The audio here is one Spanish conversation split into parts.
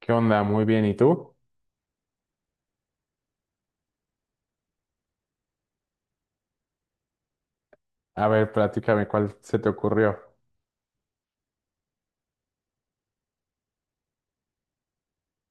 ¿Qué onda? Muy bien, ¿y tú? A ver, platícame cuál se te ocurrió.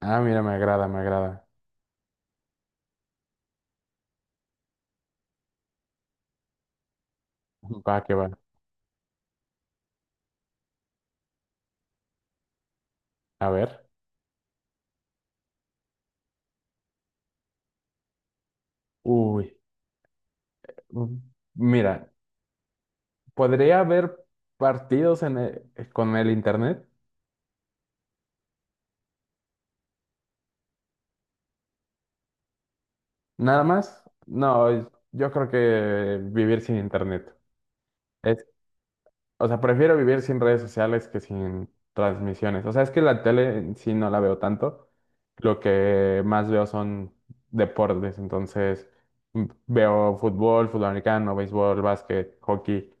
Ah, mira, me agrada, me agrada. Va, que va. A ver. Uy, mm, mira, ¿podría haber partidos con el internet? ¿Nada más? No, yo creo que vivir sin internet. O sea, prefiero vivir sin redes sociales que sin transmisiones. O sea, es que la tele en sí no la veo tanto. Lo que más veo son deportes. Entonces, veo fútbol, fútbol americano, béisbol, básquet, hockey.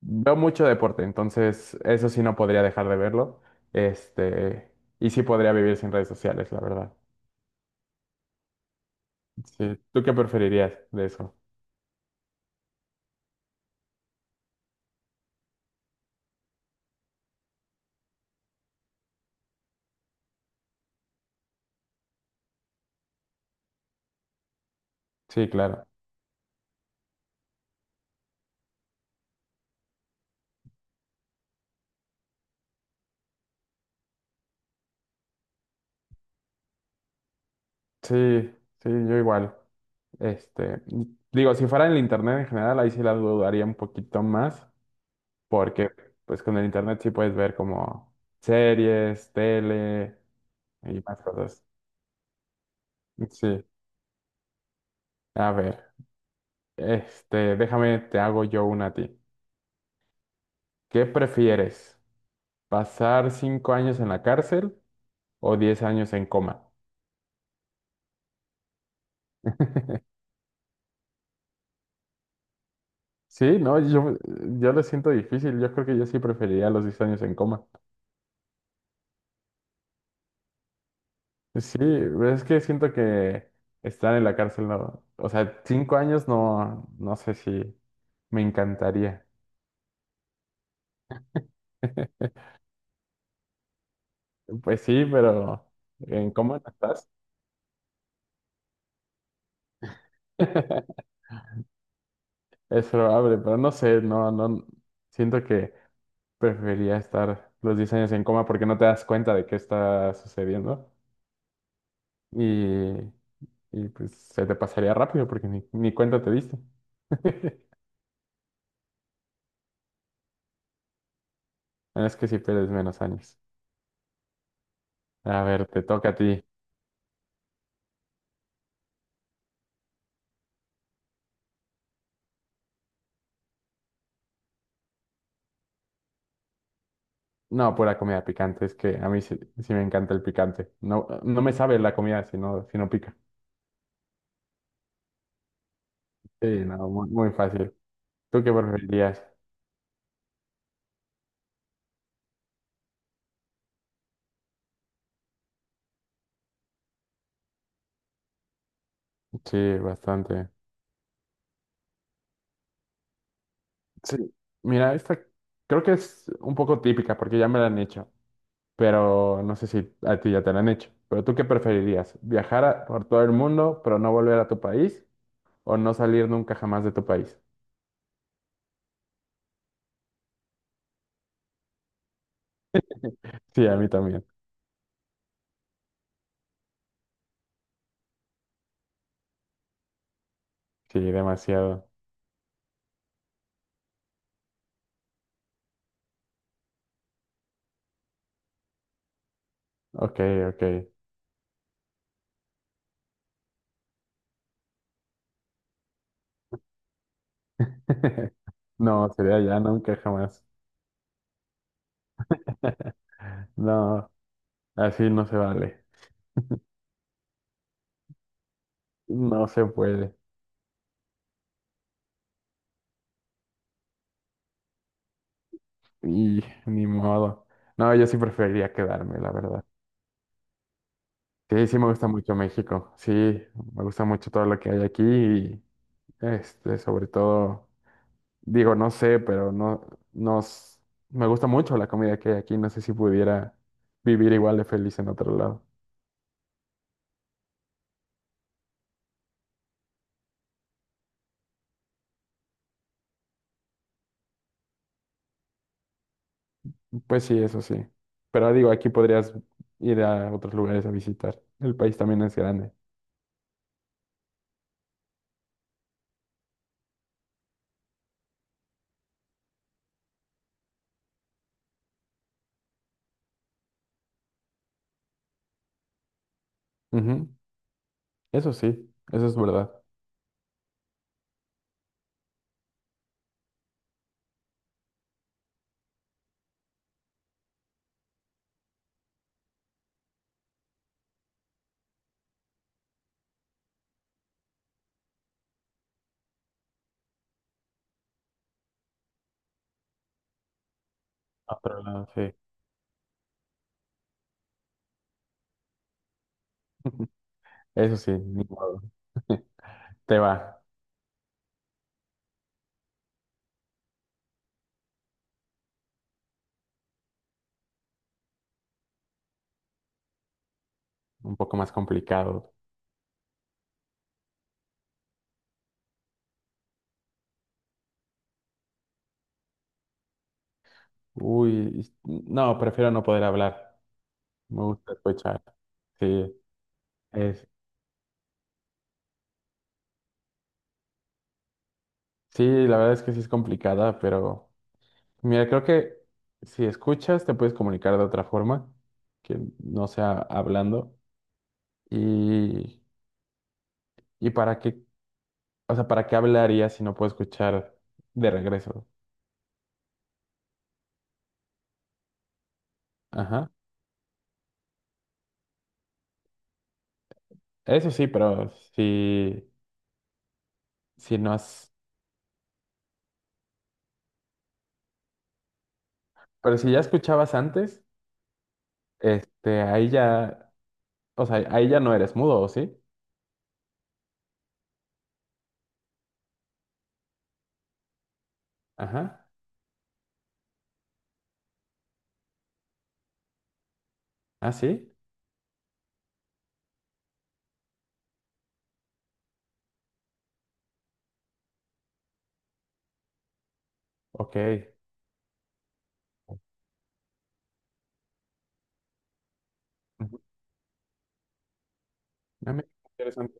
Veo mucho deporte. Entonces, eso sí no podría dejar de verlo. Este, y sí podría vivir sin redes sociales, la verdad. Sí. ¿Tú qué preferirías de eso? Sí, claro. Sí, sí, yo igual. Este, digo, si fuera en el internet en general, ahí sí las dudaría un poquito más, porque pues con el internet sí puedes ver como series, tele y más cosas. Sí, a ver, este, déjame, te hago yo una a ti. ¿Qué prefieres? ¿Pasar 5 años en la cárcel o 10 años en coma? Sí, no, yo lo siento difícil, yo creo que yo sí preferiría los 10 años en coma. Sí, pero es que siento que estar en la cárcel, no, o sea, 5 años no, no sé si me encantaría. Pues sí, pero ¿en cómo estás? Es probable, pero no sé, no, no, siento que preferiría estar los 10 años en coma porque no te das cuenta de qué está sucediendo y, y pues se te pasaría rápido porque ni cuenta te diste. Bueno, es que si pierdes menos años. A ver, te toca a ti. No, pura comida picante, es que a mí sí, sí me encanta el picante. No, no me sabe la comida si no pica. Sí, no, muy, muy fácil. ¿Tú qué preferirías? Sí, bastante. Sí, mira, esta creo que es un poco típica porque ya me la han hecho, pero no sé si a ti ya te la han hecho. Pero ¿tú qué preferirías? ¿Viajar por todo el mundo pero no volver a tu país o no salir nunca jamás de tu país? Sí, a mí también. Sí, demasiado. Ok, ok. No, sería ya nunca jamás. No. Así no se vale. No se puede. Y ni modo. No, yo sí preferiría quedarme, la verdad. Sí, sí me gusta mucho México. Sí, me gusta mucho todo lo que hay aquí y este, sobre todo, digo, no sé, pero no, nos, me gusta mucho la comida que hay aquí. No sé si pudiera vivir igual de feliz en otro lado. Pues sí, eso sí. Pero digo, aquí podrías ir a otros lugares a visitar. El país también es grande. Ujú, eso sí, eso es verdad. Otro lado, sí. Eso sí, ni modo. Te va. Un poco más complicado. Uy, no, prefiero no poder hablar. Me gusta escuchar. Sí, es, sí, la verdad es que sí es complicada, pero mira, creo que si escuchas te puedes comunicar de otra forma, que no sea hablando. Y, y para qué, o sea, ¿para qué hablarías si no puedo escuchar de regreso? Ajá. Eso sí, si, si no has, pero si ya escuchabas antes. Este, ahí ya, o sea, ahí ya no eres mudo, ¿o sí? Ajá. ¿Ah, sí? Ok. Ujú. Ah, mira, qué interesante.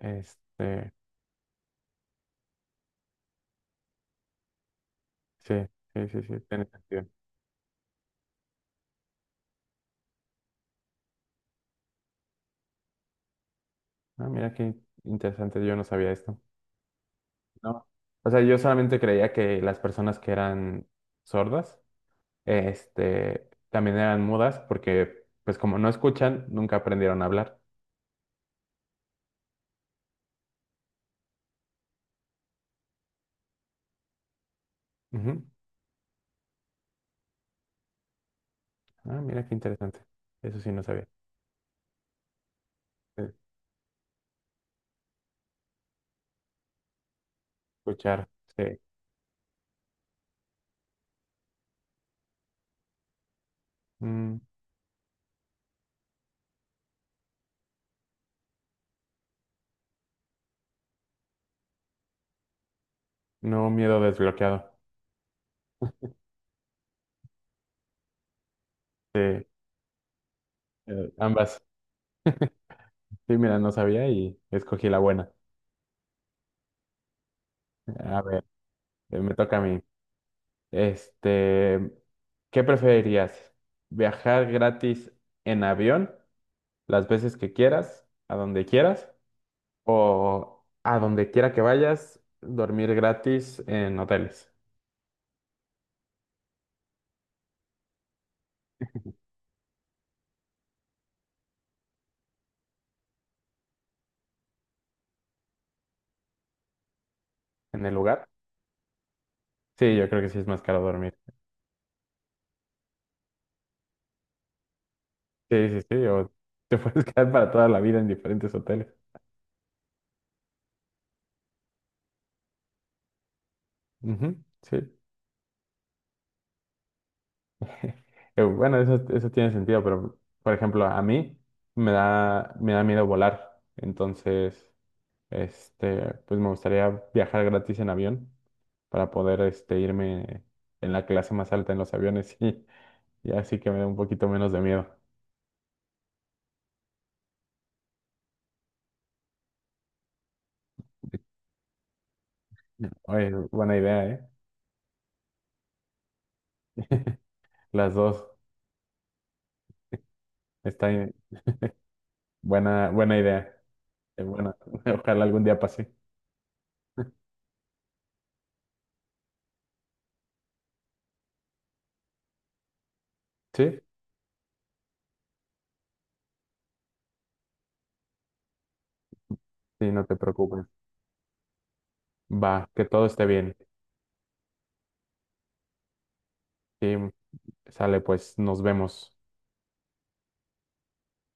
Este, sí, sí, sí, sí, tiene sentido. Ah, mira qué interesante, yo no sabía esto. No. O sea, yo solamente creía que las personas que eran sordas, este, también eran mudas porque, pues como no escuchan, nunca aprendieron a hablar. Ujú. Ah, mira qué interesante. Eso sí no sabía. Eh, Escuchar, sí. Mm, Nuevo miedo desbloqueado. Sí, ambas. Sí, mira, no sabía y escogí la buena. A ver, me toca a mí. Este, ¿qué preferirías? ¿Viajar gratis en avión las veces que quieras, a donde quieras, o a donde quiera que vayas, dormir gratis en hoteles, en el lugar? Sí, yo creo que sí es más caro dormir. Sí, sí, sí, o te puedes quedar para toda la vida en diferentes hoteles. Ujú, sí. Bueno, eso tiene sentido, pero por ejemplo, a mí me da miedo volar. Entonces, este, pues me gustaría viajar gratis en avión para poder este, irme en la clase más alta en los aviones y así que me da un poquito menos de miedo. Oye, buena idea, ¿eh? Las dos. Está bien. Buena, buena idea. Bueno, ojalá algún día pase. ¿Sí? Sí, no te preocupes. Va, que todo esté bien. Sí, sale, pues nos vemos.